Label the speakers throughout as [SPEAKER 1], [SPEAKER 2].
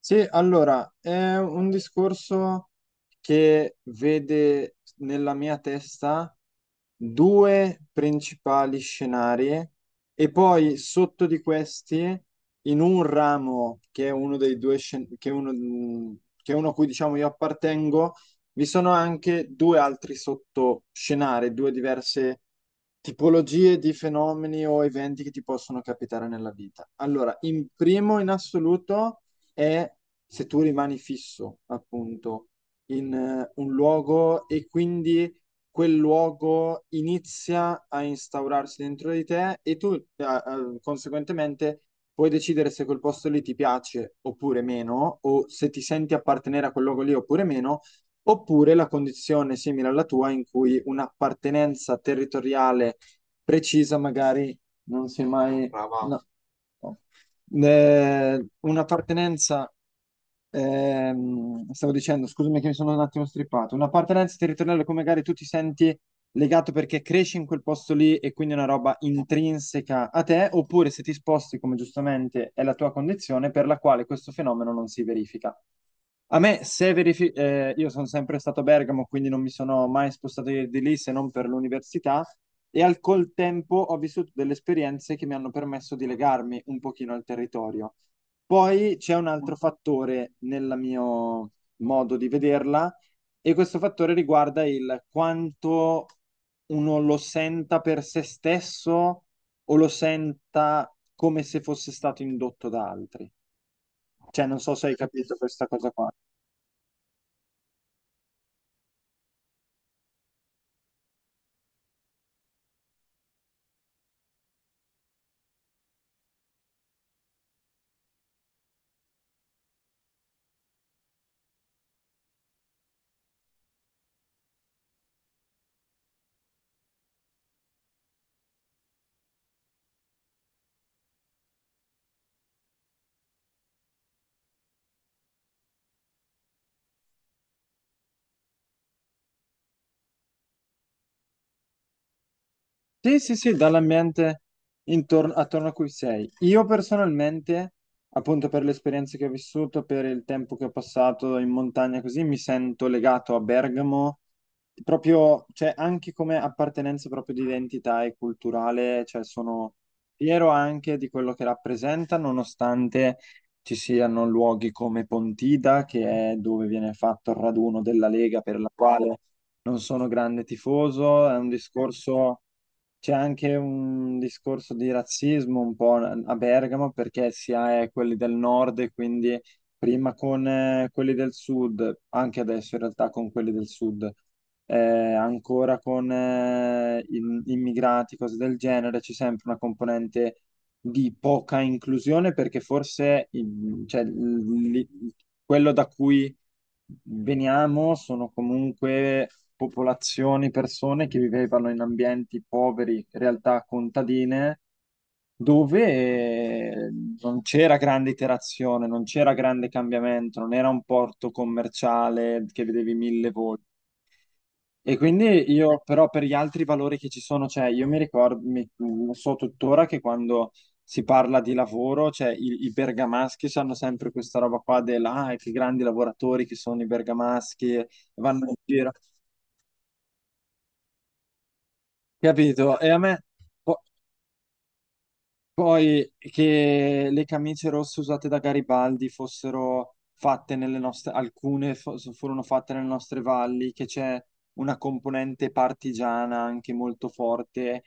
[SPEAKER 1] Sì, allora, è un discorso che vede nella mia testa due principali scenari e poi sotto di questi, in un ramo che è uno dei due che è uno, che è uno a cui diciamo io appartengo, vi sono anche due altri sottoscenari, due diverse tipologie di fenomeni o eventi che ti possono capitare nella vita. Allora, in primo in assoluto è se tu rimani fisso, appunto, in un luogo e quindi quel luogo inizia a instaurarsi dentro di te e tu, conseguentemente, puoi decidere se quel posto lì ti piace oppure meno, o se ti senti appartenere a quel luogo lì oppure meno, oppure la condizione simile alla tua in cui un'appartenenza territoriale precisa magari non si è mai... Brava. No. No. Eh, un'appartenenza, stavo dicendo, scusami che mi sono un attimo strippato, un'appartenenza territoriale come magari tu ti senti legato perché cresci in quel posto lì e quindi è una roba intrinseca a te, oppure se ti sposti, come giustamente è la tua condizione, per la quale questo fenomeno non si verifica. A me, se io sono sempre stato a Bergamo, quindi non mi sono mai spostato di lì se non per l'università e al col tempo ho vissuto delle esperienze che mi hanno permesso di legarmi un pochino al territorio. Poi c'è un altro fattore nel mio modo di vederla e questo fattore riguarda il quanto uno lo senta per se stesso o lo senta come se fosse stato indotto da altri. Cioè, non so se hai capito questa cosa qua. Sì, sì, sì, dall'ambiente intorno, attorno a cui sei. Io personalmente, appunto per le esperienze che ho vissuto, per il tempo che ho passato in montagna così, mi sento legato a Bergamo, proprio, cioè anche come appartenenza proprio di identità e culturale, cioè sono fiero anche di quello che rappresenta, nonostante ci siano luoghi come Pontida, che è dove viene fatto il raduno della Lega, per la quale non sono grande tifoso, è un discorso, c'è anche un discorso di razzismo un po' a Bergamo perché si ha quelli del nord e quindi prima con quelli del sud, anche adesso in realtà con quelli del sud, ancora con immigrati, cose del genere, c'è sempre una componente di poca inclusione perché forse cioè, quello da cui veniamo sono comunque popolazioni, persone che vivevano in ambienti poveri, realtà contadine, dove non c'era grande iterazione, non c'era grande cambiamento, non era un porto commerciale che vedevi mille volte. E quindi io però per gli altri valori che ci sono, cioè io mi ricordo, lo so tuttora che quando si parla di lavoro, cioè i bergamaschi hanno sempre questa roba qua della, ah, che grandi lavoratori che sono i bergamaschi, vanno in giro, capito? E a me po- poi che le camicie rosse usate da Garibaldi fossero fatte nelle nostre, alcune furono fatte nelle nostre valli, che c'è una componente partigiana anche molto forte.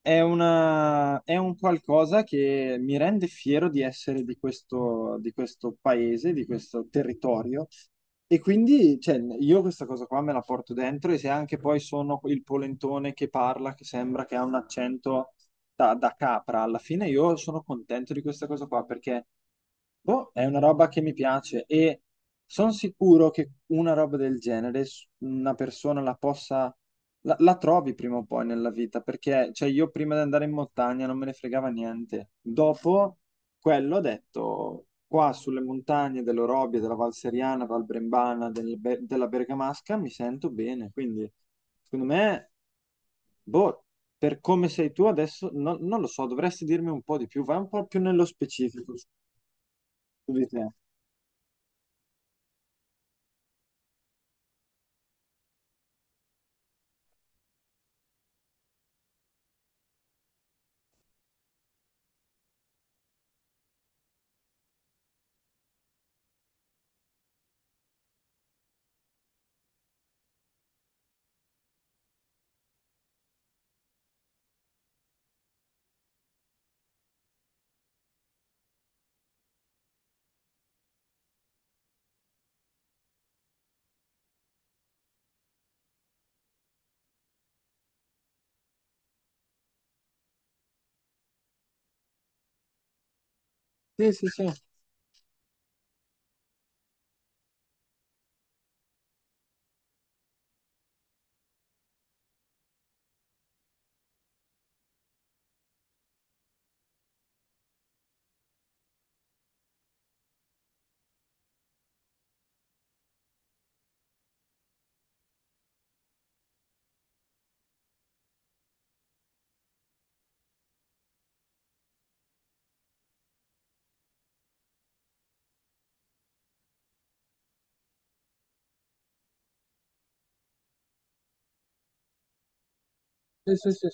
[SPEAKER 1] È una, è un qualcosa che mi rende fiero di essere di questo paese, di questo territorio. E quindi, cioè, io questa cosa qua me la porto dentro e se anche poi sono il polentone che parla, che sembra che ha un accento da capra, alla fine io sono contento di questa cosa qua perché boh, è una roba che mi piace e sono sicuro che una roba del genere una persona la possa, la trovi prima o poi nella vita, perché cioè, io prima di andare in montagna non me ne fregava niente. Dopo quello ho detto, qua sulle montagne dell'Orobie, della Val Seriana, Val Brembana, della Bergamasca mi sento bene, quindi secondo me, boh, per come sei tu adesso, non lo so, dovresti dirmi un po' di più, vai un po' più nello specifico su di te. Sì, sì, sì, sì, sì, sì.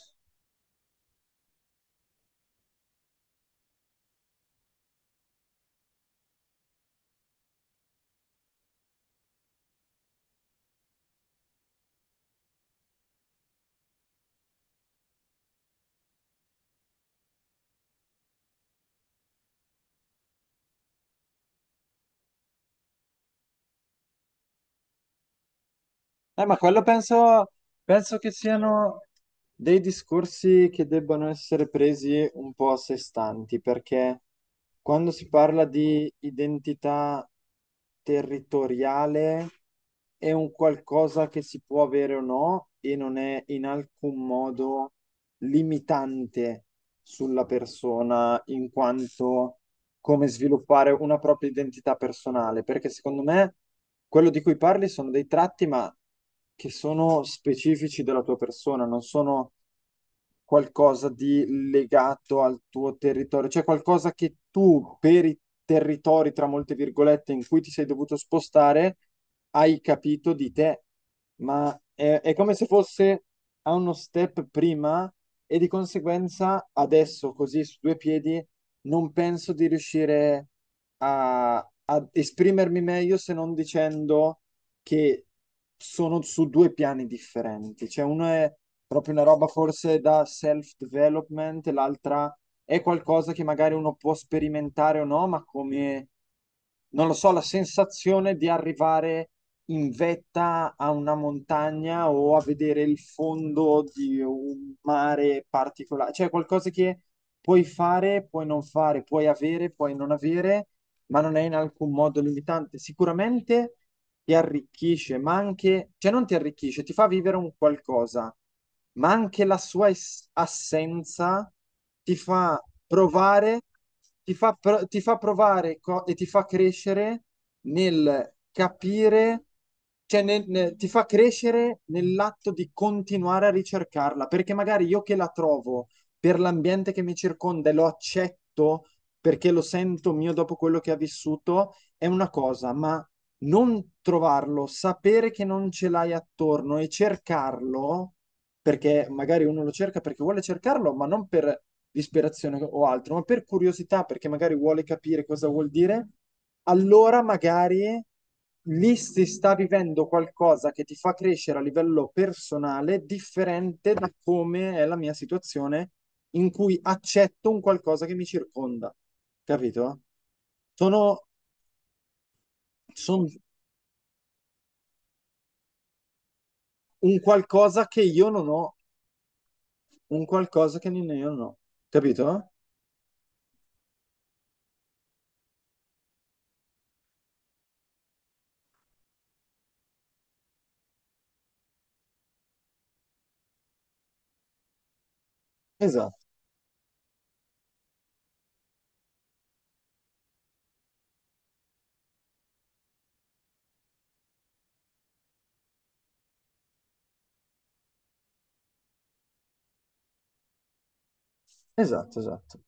[SPEAKER 1] Ma quello penso, penso che siano dei discorsi che debbano essere presi un po' a sé stanti, perché quando si parla di identità territoriale è un qualcosa che si può avere o no e non è in alcun modo limitante sulla persona in quanto come sviluppare una propria identità personale, perché secondo me quello di cui parli sono dei tratti, ma che sono specifici della tua persona, non sono qualcosa di legato al tuo territorio, cioè qualcosa che tu per i territori, tra molte virgolette, in cui ti sei dovuto spostare, hai capito di te, ma è come se fosse a uno step prima e di conseguenza adesso, così su due piedi, non penso di riuscire a esprimermi meglio se non dicendo che sono su due piani differenti. Cioè, uno è proprio una roba forse da self-development, l'altra è qualcosa che magari uno può sperimentare o no, ma come, non lo so, la sensazione di arrivare in vetta a una montagna o a vedere il fondo di un mare particolare. Cioè, qualcosa che puoi fare, puoi non fare, puoi avere, puoi non avere ma non è in alcun modo limitante. Sicuramente ti arricchisce, ma anche, cioè non ti arricchisce, ti fa vivere un qualcosa, ma anche la sua assenza ti fa provare, ti fa, ti fa provare e ti fa crescere nel capire. Cioè, ti fa crescere nell'atto di continuare a ricercarla, perché magari io che la trovo per l'ambiente che mi circonda e lo accetto, perché lo sento mio dopo quello che ha vissuto, è una cosa, ma non trovarlo, sapere che non ce l'hai attorno e cercarlo, perché magari uno lo cerca perché vuole cercarlo, ma non per disperazione o altro, ma per curiosità, perché magari vuole capire cosa vuol dire, allora magari lì si sta vivendo qualcosa che ti fa crescere a livello personale, differente da come è la mia situazione in cui accetto un qualcosa che mi circonda, capito? Sono, son un qualcosa che io non ho, un qualcosa che io non ho, capito? Esatto, esatto, esatto.